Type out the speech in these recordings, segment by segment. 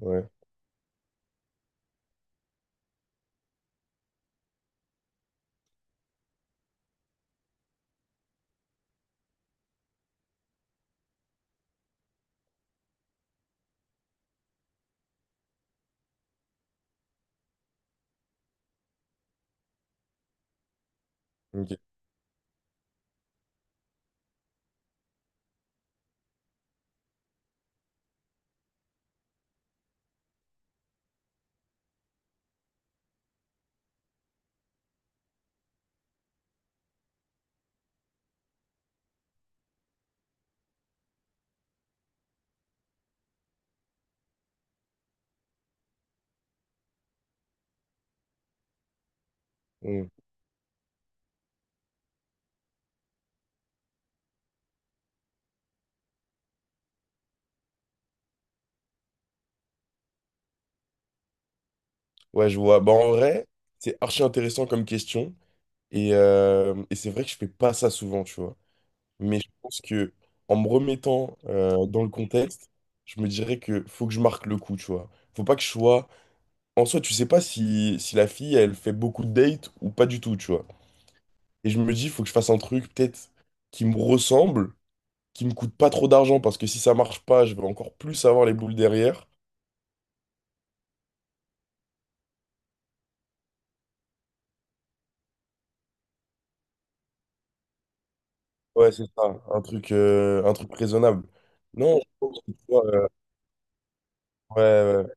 Ouais, ok. Mm. Ouais, je vois. Bah, en vrai, c'est archi intéressant comme question. Et c'est vrai que je fais pas ça souvent, tu vois. Mais je pense que en me remettant dans le contexte, je me dirais que faut que je marque le coup, tu vois. Faut pas que je sois. En soi, tu sais pas si la fille, elle fait beaucoup de dates ou pas du tout, tu vois. Et je me dis, faut que je fasse un truc peut-être qui me ressemble, qui me coûte pas trop d'argent, parce que si ça marche pas, je vais encore plus avoir les boules derrière. Ouais, c'est ça, un truc raisonnable. Non, je pense que, tu vois, ouais,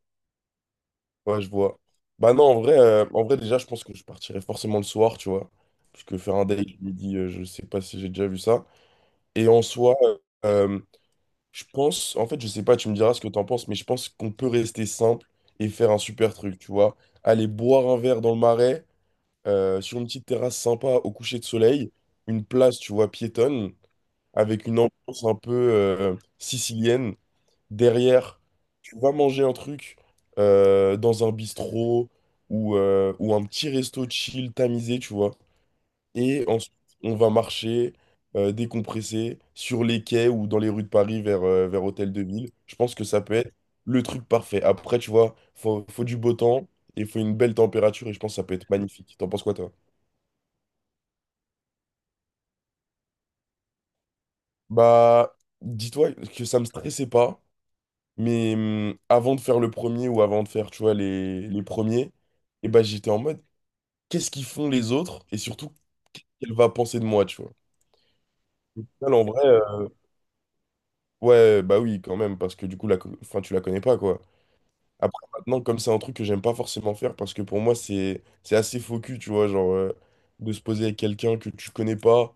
ouais, ouais, je vois. Bah non, en vrai, déjà, je pense que je partirais forcément le soir, tu vois. Parce que faire un date le midi, je sais pas si j'ai déjà vu ça. Et en soi, euh, je pense, en fait, je sais pas, tu me diras ce que t'en penses, mais je pense qu'on peut rester simple et faire un super truc, tu vois. Aller boire un verre dans le marais, sur une petite terrasse sympa au coucher de soleil, une place, tu vois, piétonne, avec une ambiance un peu, sicilienne. Derrière, tu vas manger un truc dans un bistrot ou un petit resto chill tamisé, tu vois. Et ensuite, on va marcher, décompresser sur les quais ou dans les rues de Paris vers Hôtel de Ville. Je pense que ça peut être le truc parfait. Après, tu vois, faut du beau temps et faut une belle température et je pense que ça peut être magnifique. T'en penses quoi, toi? Bah, dis-toi que ça me stressait pas. Mais avant de faire le premier ou avant de faire, tu vois, les premiers, et ben j'étais en mode, qu'est-ce qu'ils font les autres? Et surtout, qu'est-ce qu'elle va penser de moi, tu vois? Au final, en vrai, ouais, bah oui, quand même, parce que du coup, enfin, tu la connais pas, quoi. Après, maintenant, comme c'est un truc que j'aime pas forcément faire, parce que pour moi, c'est assez faux cul, tu vois, genre, de se poser avec quelqu'un que tu connais pas,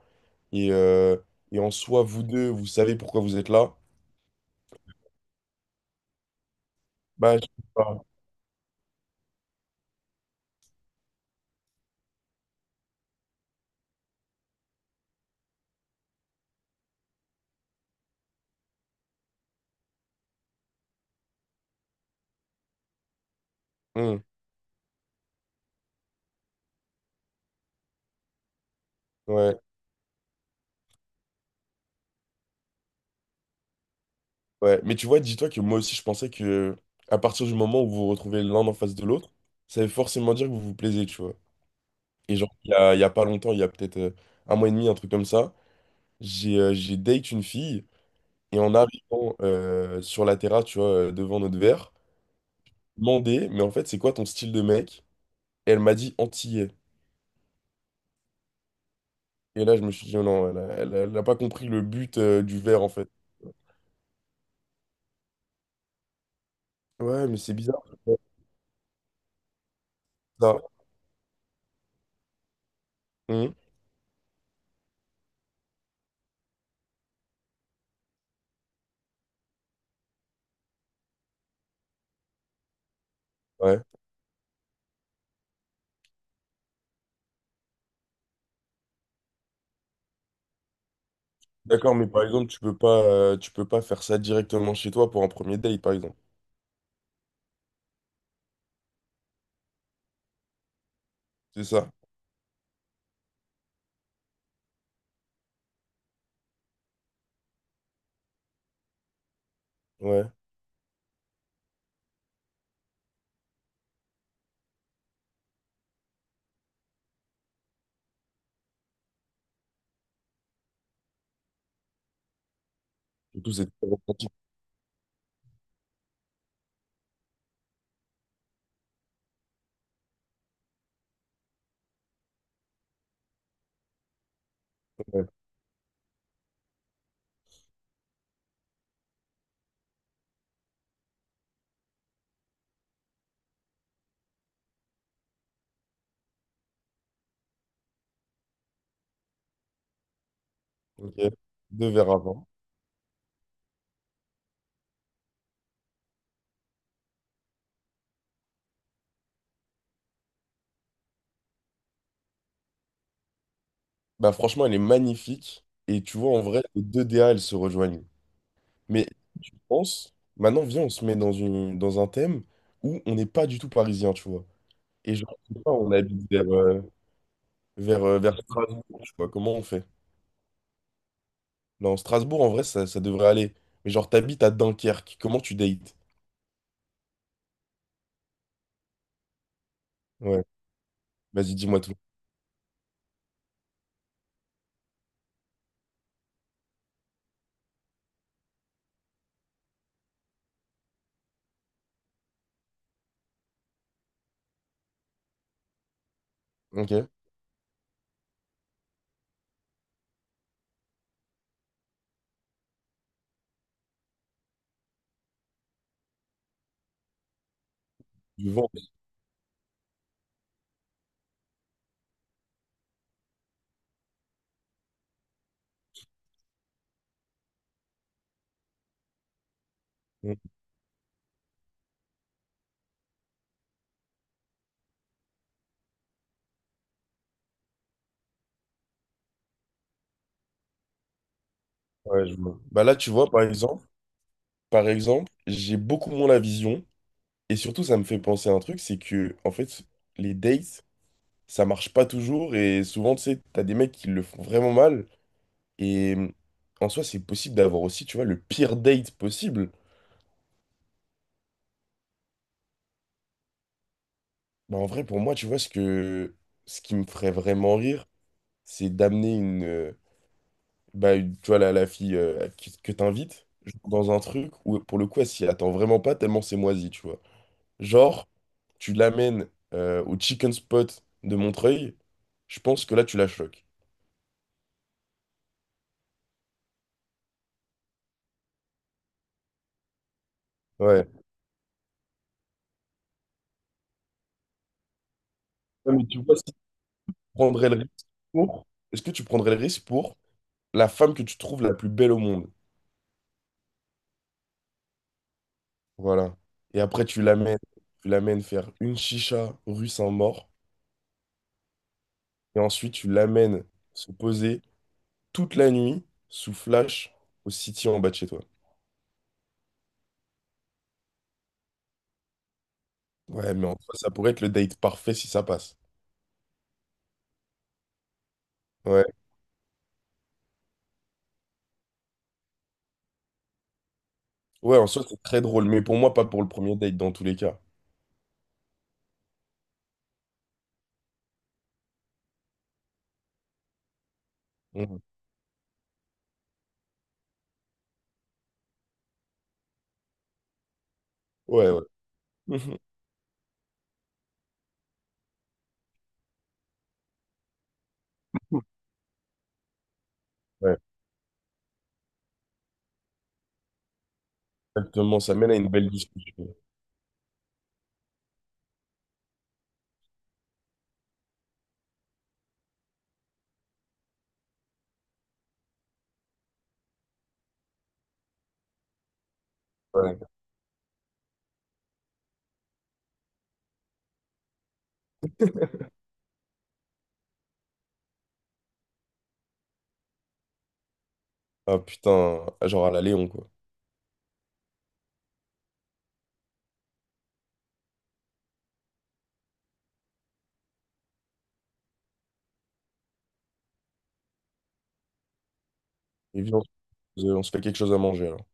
et, euh, et en soi, vous deux, vous savez pourquoi vous êtes là, bah, je sais pas. Hum, ouais. Ouais, mais tu vois, dis-toi que moi aussi, je pensais que à partir du moment où vous vous retrouvez l'un en face de l'autre, ça veut forcément dire que vous vous plaisez, tu vois. Et genre, il y a pas longtemps, il y a peut-être un mois et demi, un truc comme ça, j'ai date une fille, et en arrivant sur la terrasse, tu vois, devant notre verre, demandé, mais en fait, c'est quoi ton style de mec? Et elle m'a dit antillais. Et là, je me suis dit, oh non, elle a pas compris le but du verre, en fait. Ouais, mais c'est bizarre. Ça. Hum, ouais. D'accord, mais par exemple, tu peux pas faire ça directement chez toi pour un premier date, par exemple. C'est ça. Ouais. Du coup, c'est très romantique, ouais. Ok. Deux verres avant. Bah franchement, elle est magnifique. Et tu vois, en vrai, les deux DA, elles se rejoignent. Mais je pense, maintenant, viens, on se met dans un thème où on n'est pas du tout parisien, tu vois. Et genre, je sais pas, on habite vers Strasbourg, tu vois. Comment on fait? Non, Strasbourg, en vrai, ça devrait aller. Mais genre, t'habites à Dunkerque. Comment tu dates? Ouais. Vas-y, dis-moi tout. Ok. Du vent. Mm. Ouais, je vois. Bah là, tu vois, par exemple, j'ai beaucoup moins la vision. Et surtout, ça me fait penser à un truc, c'est que, en fait, les dates, ça marche pas toujours. Et souvent, tu sais, t'as des mecs qui le font vraiment mal. Et en soi, c'est possible d'avoir aussi, tu vois, le pire date possible. Bah, en vrai, pour moi, tu vois, ce qui me ferait vraiment rire, c'est d'amener bah, tu vois, la fille que t'invites dans un truc où, pour le coup, elle s'y attend vraiment pas tellement c'est moisi, tu vois. Genre, tu l'amènes au chicken spot de Montreuil, je pense que là, tu la choques. Ouais. Ouais, mais tu vois, si tu prendrais le risque pour... Est-ce que tu prendrais le risque pour la femme que tu trouves la plus belle au monde? Voilà. Et après, tu l'amènes faire une chicha rue Saint-Maur. Et ensuite, tu l'amènes se poser toute la nuit sous flash au city en bas de chez toi. Ouais, mais en soi, ça pourrait être le date parfait si ça passe. Ouais. Ouais, en soi, c'est très drôle. Mais pour moi, pas pour le premier date dans tous les cas. Ouais, ouais, Mhm. ouais, exactement. Ça mène à une belle discussion. Ouais. Ah putain, ah, genre à la Léon, quoi. Et viens, on se fait quelque chose à manger, alors.